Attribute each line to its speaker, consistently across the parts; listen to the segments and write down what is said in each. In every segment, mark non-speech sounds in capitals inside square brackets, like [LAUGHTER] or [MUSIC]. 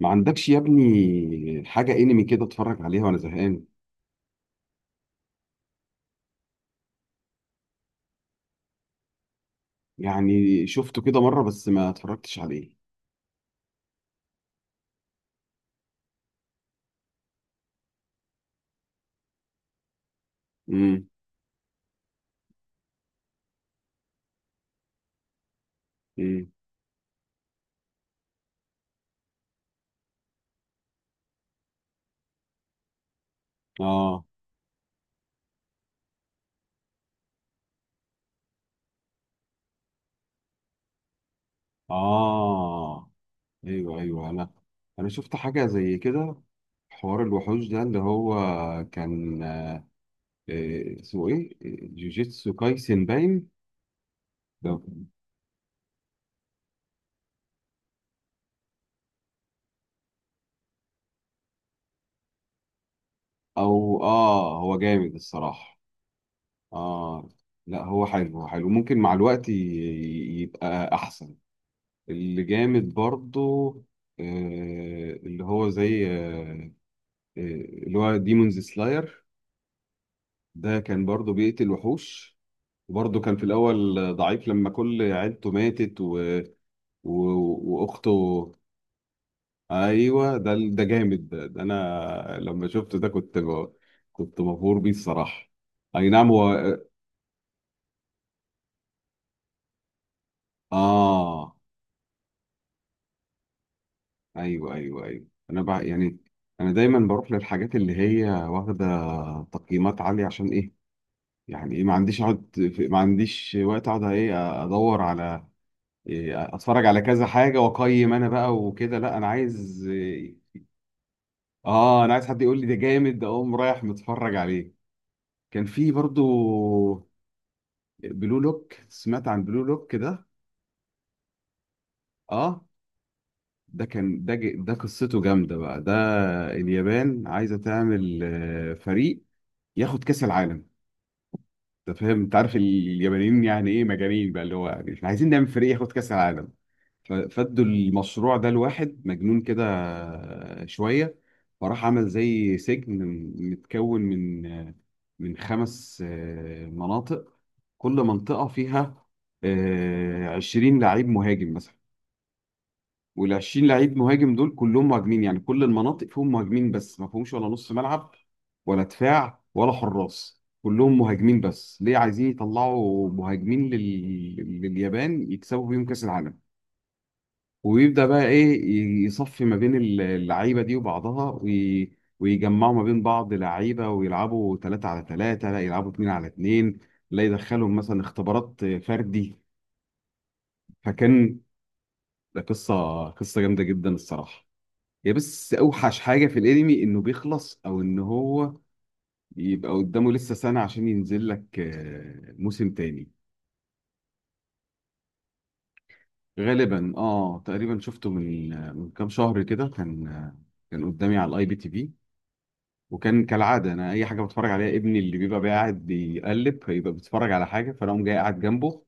Speaker 1: ما عندكش يا ابني حاجة انمي كده اتفرج عليها وانا زهقان؟ يعني شفته كده مرة بس ما اتفرجتش عليه. امم. امم. اه. اه. ايوه، ايوه، انا شفت حاجة زي كده. حوار الوحوش ده اللي هو كان اسمه ايه؟ جوجيتسو كايسن باين. ده- او اه، هو جامد الصراحة. اه، لا هو حلو، هو حلو، ممكن مع الوقت يبقى احسن. اللي جامد برضو اللي هو زي اللي هو ديمونز سلاير. ده كان برضو بيقتل وحوش، وبرضه كان في الأول ضعيف لما كل عيلته ماتت و... وأخته. أيوه، ده جامد، ده أنا لما شفته ده كنت مبهور بيه الصراحة. أي نعم، هو آه. أيوه، أيوه، أيوه، أنا بقى يعني أنا دايما بروح للحاجات اللي هي واخدة تقييمات عالية، عشان إيه؟ يعني إيه، ما عنديش وقت اقعد ايه، ادور على إيه، اتفرج على كذا حاجه واقيم انا بقى وكده. لا انا عايز إيه، اه انا عايز حد يقول لي ده جامد اقوم رايح متفرج عليه. كان في برضو بلو لوك، سمعت عن بلو لوك ده؟ اه، ده كان ده قصته جامده بقى ده. اليابان عايزه تعمل فريق ياخد كاس العالم، انت فاهم؟ انت عارف اليابانيين يعني ايه، مجانين بقى، اللي هو يعني احنا عايزين نعمل فريق ياخد كاس العالم. فادوا المشروع ده لواحد مجنون كده شوية، فراح عمل زي سجن متكون من خمس مناطق، كل منطقة فيها عشرين لعيب مهاجم مثلا. والعشرين لعيب مهاجم دول كلهم مهاجمين، يعني كل المناطق فيهم مهاجمين، بس ما فيهمش ولا نص ملعب ولا دفاع ولا حراس، كلهم مهاجمين بس، ليه؟ عايزين يطلعوا مهاجمين لليابان يكسبوا بيهم كأس العالم. وبيبدأ بقى إيه يصفي ما بين اللعيبة دي وبعضها ويجمعوا ما بين بعض لعيبة ويلعبوا ثلاثة على ثلاثة، لا يلعبوا اتنين على اتنين، لا يدخلهم مثلا اختبارات فردي. فكان ده قصة جامدة جدا الصراحة. هي بس أوحش حاجة في الأنمي إنه بيخلص، أو إن هو يبقى قدامه لسه سنة عشان ينزل لك موسم تاني. غالبا اه، تقريبا شفته من كام شهر كده. كان كان قدامي على الاي بي تي في، وكان كالعاده انا اي حاجه بتفرج عليها ابني اللي بيبقى قاعد بيقلب، فيبقى بيتفرج على حاجه، فانا اقوم جاي قاعد جنبه.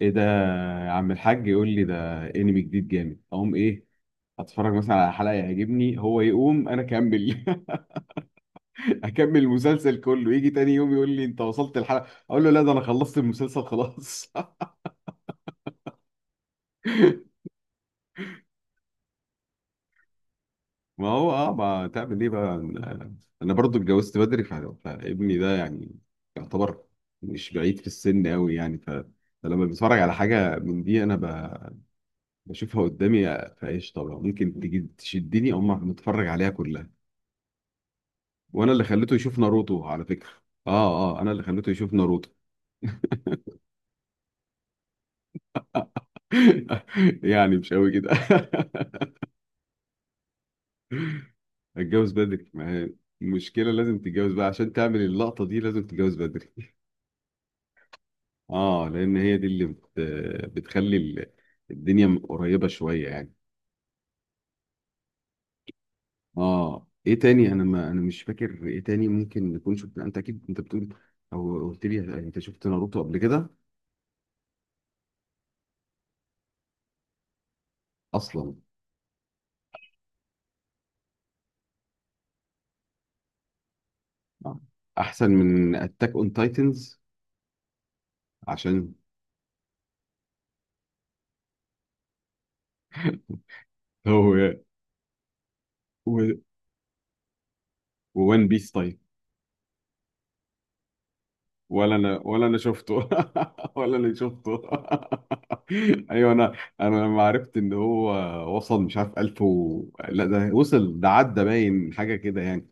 Speaker 1: ايه ده؟ يا عم الحاج يقول لي ده انمي جديد جامد، اقوم ايه، اتفرج مثلا على حلقه يعجبني، هو يقوم انا اكمل. [LAUGHS] اكمل المسلسل كله. يجي تاني يوم يقول لي انت وصلت الحلقه، اقول له لا ده انا خلصت المسلسل خلاص. ما هو اه، ما تعمل ايه بقى، انا أنا برضو اتجوزت بدري، فابني ده يعني يعتبر مش بعيد في السن قوي يعني، فلما بتفرج على حاجه من دي انا بشوفها قدامي، فايش طبعا ممكن تيجي تشدني او ما نتفرج عليها كلها. وانا اللي خليته يشوف ناروتو على فكره. اه اه، انا اللي خليته يشوف ناروتو. [LAUGHS] يعني مش قوي كده. [LAUGHS] اتجوز بدري، ما هي المشكله لازم تتجوز بقى عشان تعمل اللقطه دي، لازم تتجوز بدري. اه، لان هي دي بتخلي الدنيا قريبه شويه يعني. اه ايه تاني، انا ما انا مش فاكر ايه تاني، ممكن نكون شفنا، انت اكيد انت بتقول، او قلت لي يعني، انت شفت ناروتو قبل كده اصلا؟ آه. احسن من اتاك اون تايتنز عشان [LAUGHS] هو و... وون بيس طيب؟ ولا انا، ولا انا شفته. [LAUGHS] ولا انا شفته. [LAUGHS] ايوه انا، انا لما عرفت ان هو وصل مش عارف 1000 لا ده وصل ده، عدى باين حاجه كده يعني.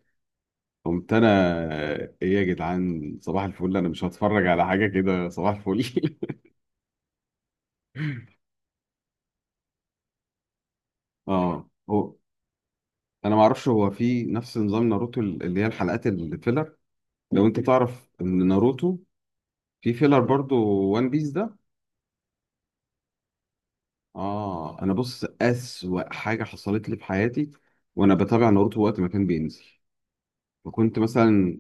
Speaker 1: قمت انا ايه، يا جدعان صباح الفل، انا مش هتفرج على حاجه كده صباح الفل. [LAUGHS] اه هو انا ما اعرفش هو في نفس نظام ناروتو اللي هي الحلقات الفيلر، لو انت [LAUGHS] تعرف ان ناروتو في فيلر برضو. وان بيس ده اه، انا بص اسوأ حاجه حصلت لي في حياتي وانا بتابع ناروتو وقت ما كان بينزل، فكنت مثلا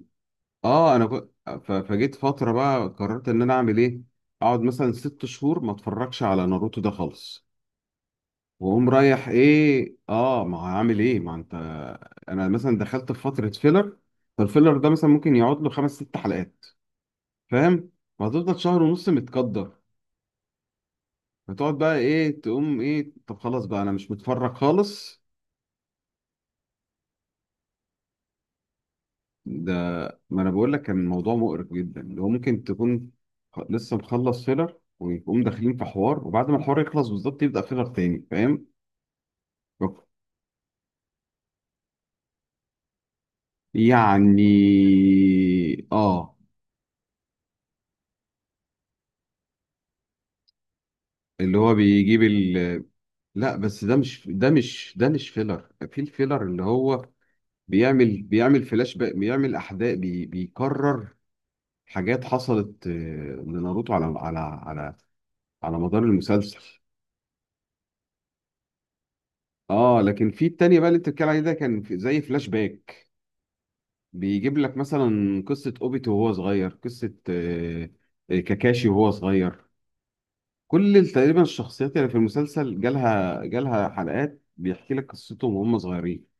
Speaker 1: اه انا كنت فجيت فتره بقى قررت ان انا اعمل ايه، اقعد مثلا ست شهور ما اتفرجش على ناروتو ده خالص، واقوم رايح ايه اه، ما عامل ايه ما انت، انا مثلا دخلت في فتره فيلر، فالفيلر ده مثلا ممكن يقعد له خمس ست حلقات فاهم، وهتفضل شهر ونص متقدر، فتقعد بقى ايه تقوم ايه، طب خلاص بقى انا مش متفرج خالص. ده ما انا بقول لك كان الموضوع مقرف جدا، اللي هو ممكن تكون لسه مخلص فيلر ويقوم داخلين في حوار وبعد ما الحوار يخلص بالظبط يبدأ فيلر تاني، فاهم يعني؟ اه. اللي هو لا بس ده مش، ده مش، ده مش فيلر، في الفيلر اللي هو بيعمل فلاش باك، بيعمل احداث بي بيكرر حاجات حصلت لناروتو على على مدار المسلسل. اه لكن في التانية بقى اللي انت بتتكلم عليه ده كان زي فلاش باك، بيجيب لك مثلا قصة اوبيتو وهو صغير، قصة كاكاشي وهو صغير. كل تقريبا الشخصيات اللي في المسلسل جالها حلقات بيحكي لك قصتهم وهم صغيرين.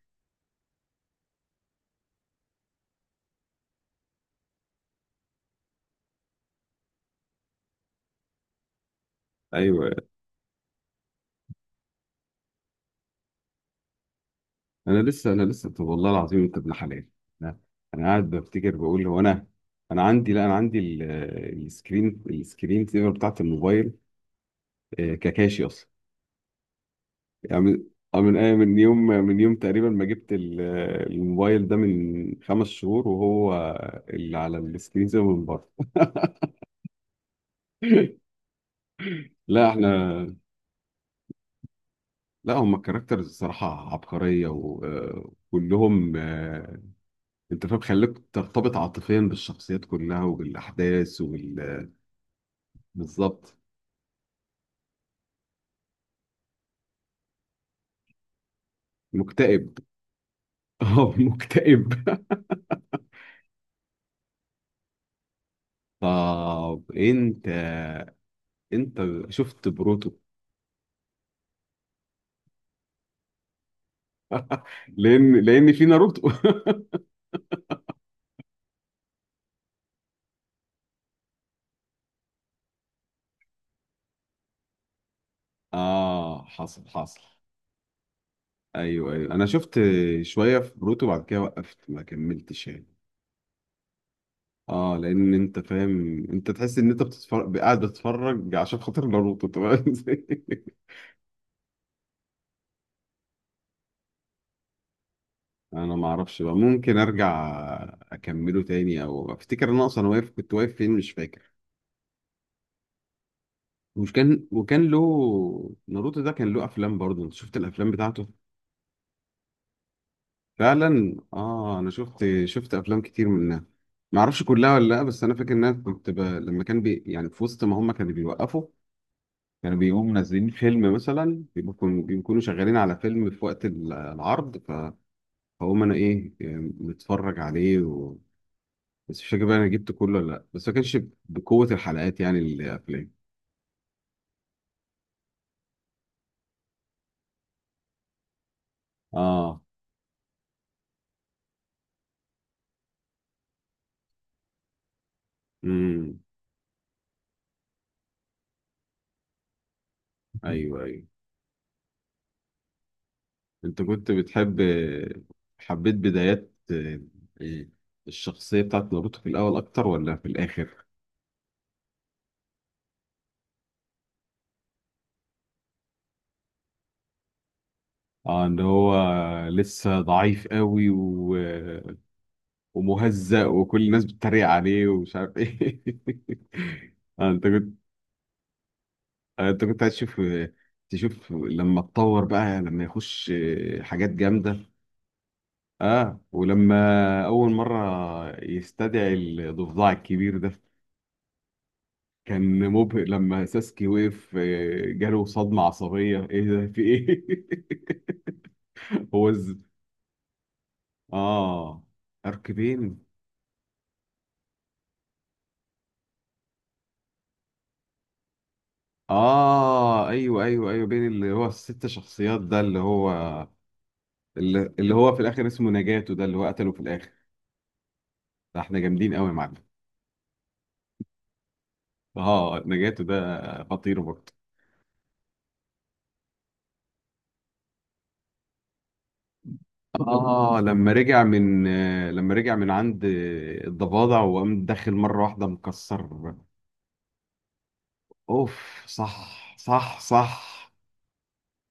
Speaker 1: ايوه انا لسه، انا لسه، طب والله العظيم انت ابن حلال. انا أنا قاعد بفتكر بقول هو انا، انا عندي، لا انا عندي السكرين، السكرين سيفر بتاعت الموبايل ككاشي اصلا، يعني من من يوم، من يوم تقريبا ما جبت الموبايل ده من خمس شهور، وهو اللي على السكرين سيفر من بره. [LAUGHS] لا احنا، لا هم الكاركترز الصراحه عبقريه وكلهم، انت فاهم، خليك ترتبط عاطفيا بالشخصيات كلها وبالاحداث وبال بالظبط. مكتئب. [LAUGHS] اه مكتئب. طب انت، انت شفت بروتو؟ لان لان في ناروتو [LAUGHS] اه حصل حصل. ايوه ايوه انا شفت شويه في بروتو، بعد كده وقفت ما كملتش يعني. اه لان انت فاهم انت تحس ان انت بتتفرج قاعد بتتفرج عشان خاطر ناروتو، تمام. [LAUGHS] انا ما اعرفش بقى، ممكن ارجع اكمله تاني او افتكر ان انا اصلا واقف، كنت واقف فين مش فاكر. مش كان وكان له، ناروتو ده كان له افلام برضه، انت شفت الافلام بتاعته؟ فعلا اه، انا شفت شفت افلام كتير منها. ما اعرفش كلها ولا لا، بس انا فاكر ان انا لما كان يعني في وسط ما هم كانوا بيوقفوا، كانوا بيقوموا منزلين فيلم مثلا، بيكونوا بيكونوا شغالين على فيلم في وقت العرض فهم انا ايه متفرج عليه بس مش فاكر بقى انا جبت كله ولا لا، بس ما كانش بقوة الحلقات يعني الافلام. اه. امم. ايوه ايوه، انت كنت بتحب، حبيت بدايات الشخصية بتاعت ناروتو في الأول أكتر ولا في الآخر؟ اه ان هو لسه ضعيف قوي ومهزأ وكل الناس بتتريق عليه ومش عارف ايه. [LAUGHS] آه انت كنت آه انت كنت عايز تشوف، تشوف لما اتطور بقى، لما يخش حاجات جامدة. اه، ولما أول مرة يستدعي الضفدع الكبير ده، كان مبهر لما ساسكي وقف جاله صدمة عصبية، ايه ده في ايه. [LAUGHS] هو از اه، ارك بين. اه ايوه ايوه ايوه، بين اللي هو الست شخصيات ده، اللي هو، اللي هو في الاخر اسمه نجاتو ده اللي هو قتله في الاخر. ده احنا جامدين قوي يا معلم. اه نجاتو ده خطير برضه. اه [LAUGHS] لما رجع من لما رجع من عند الضفادع وقام داخل مرة واحدة مكسر. اوف صح صح صح.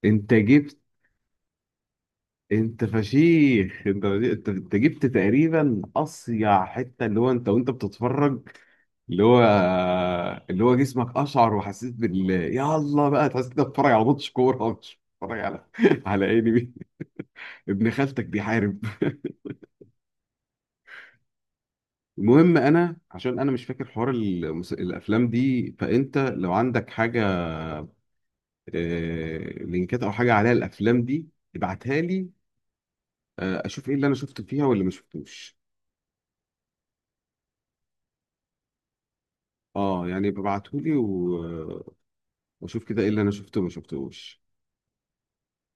Speaker 1: انت جبت، انت فشيخ، انت انت انت جبت تقريبا اصيع حته، اللي هو انت وانت بتتفرج، اللي هو اللي هو جسمك اشعر، وحسيت بال يلا بقى، تحس انت بتتفرج على ماتش كوره، مش بتتفرج على [LAUGHS] على انمي. ابن خالتك بيحارب. [LAUGHS] المهم انا عشان انا مش فاكر حوار الافلام دي، فانت لو عندك حاجه آه... لينكات او حاجه عليها الافلام دي، ابعتها لي اشوف ايه اللي انا شفته فيها واللي ما شفتوش. اه يعني ببعتهولي واشوف كده ايه اللي انا شفته وما شفتهوش.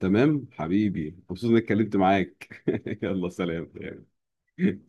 Speaker 1: تمام حبيبي، مبسوط اني اتكلمت معاك. [LAUGHS] يلا سلام يعني. [LAUGHS] سلام.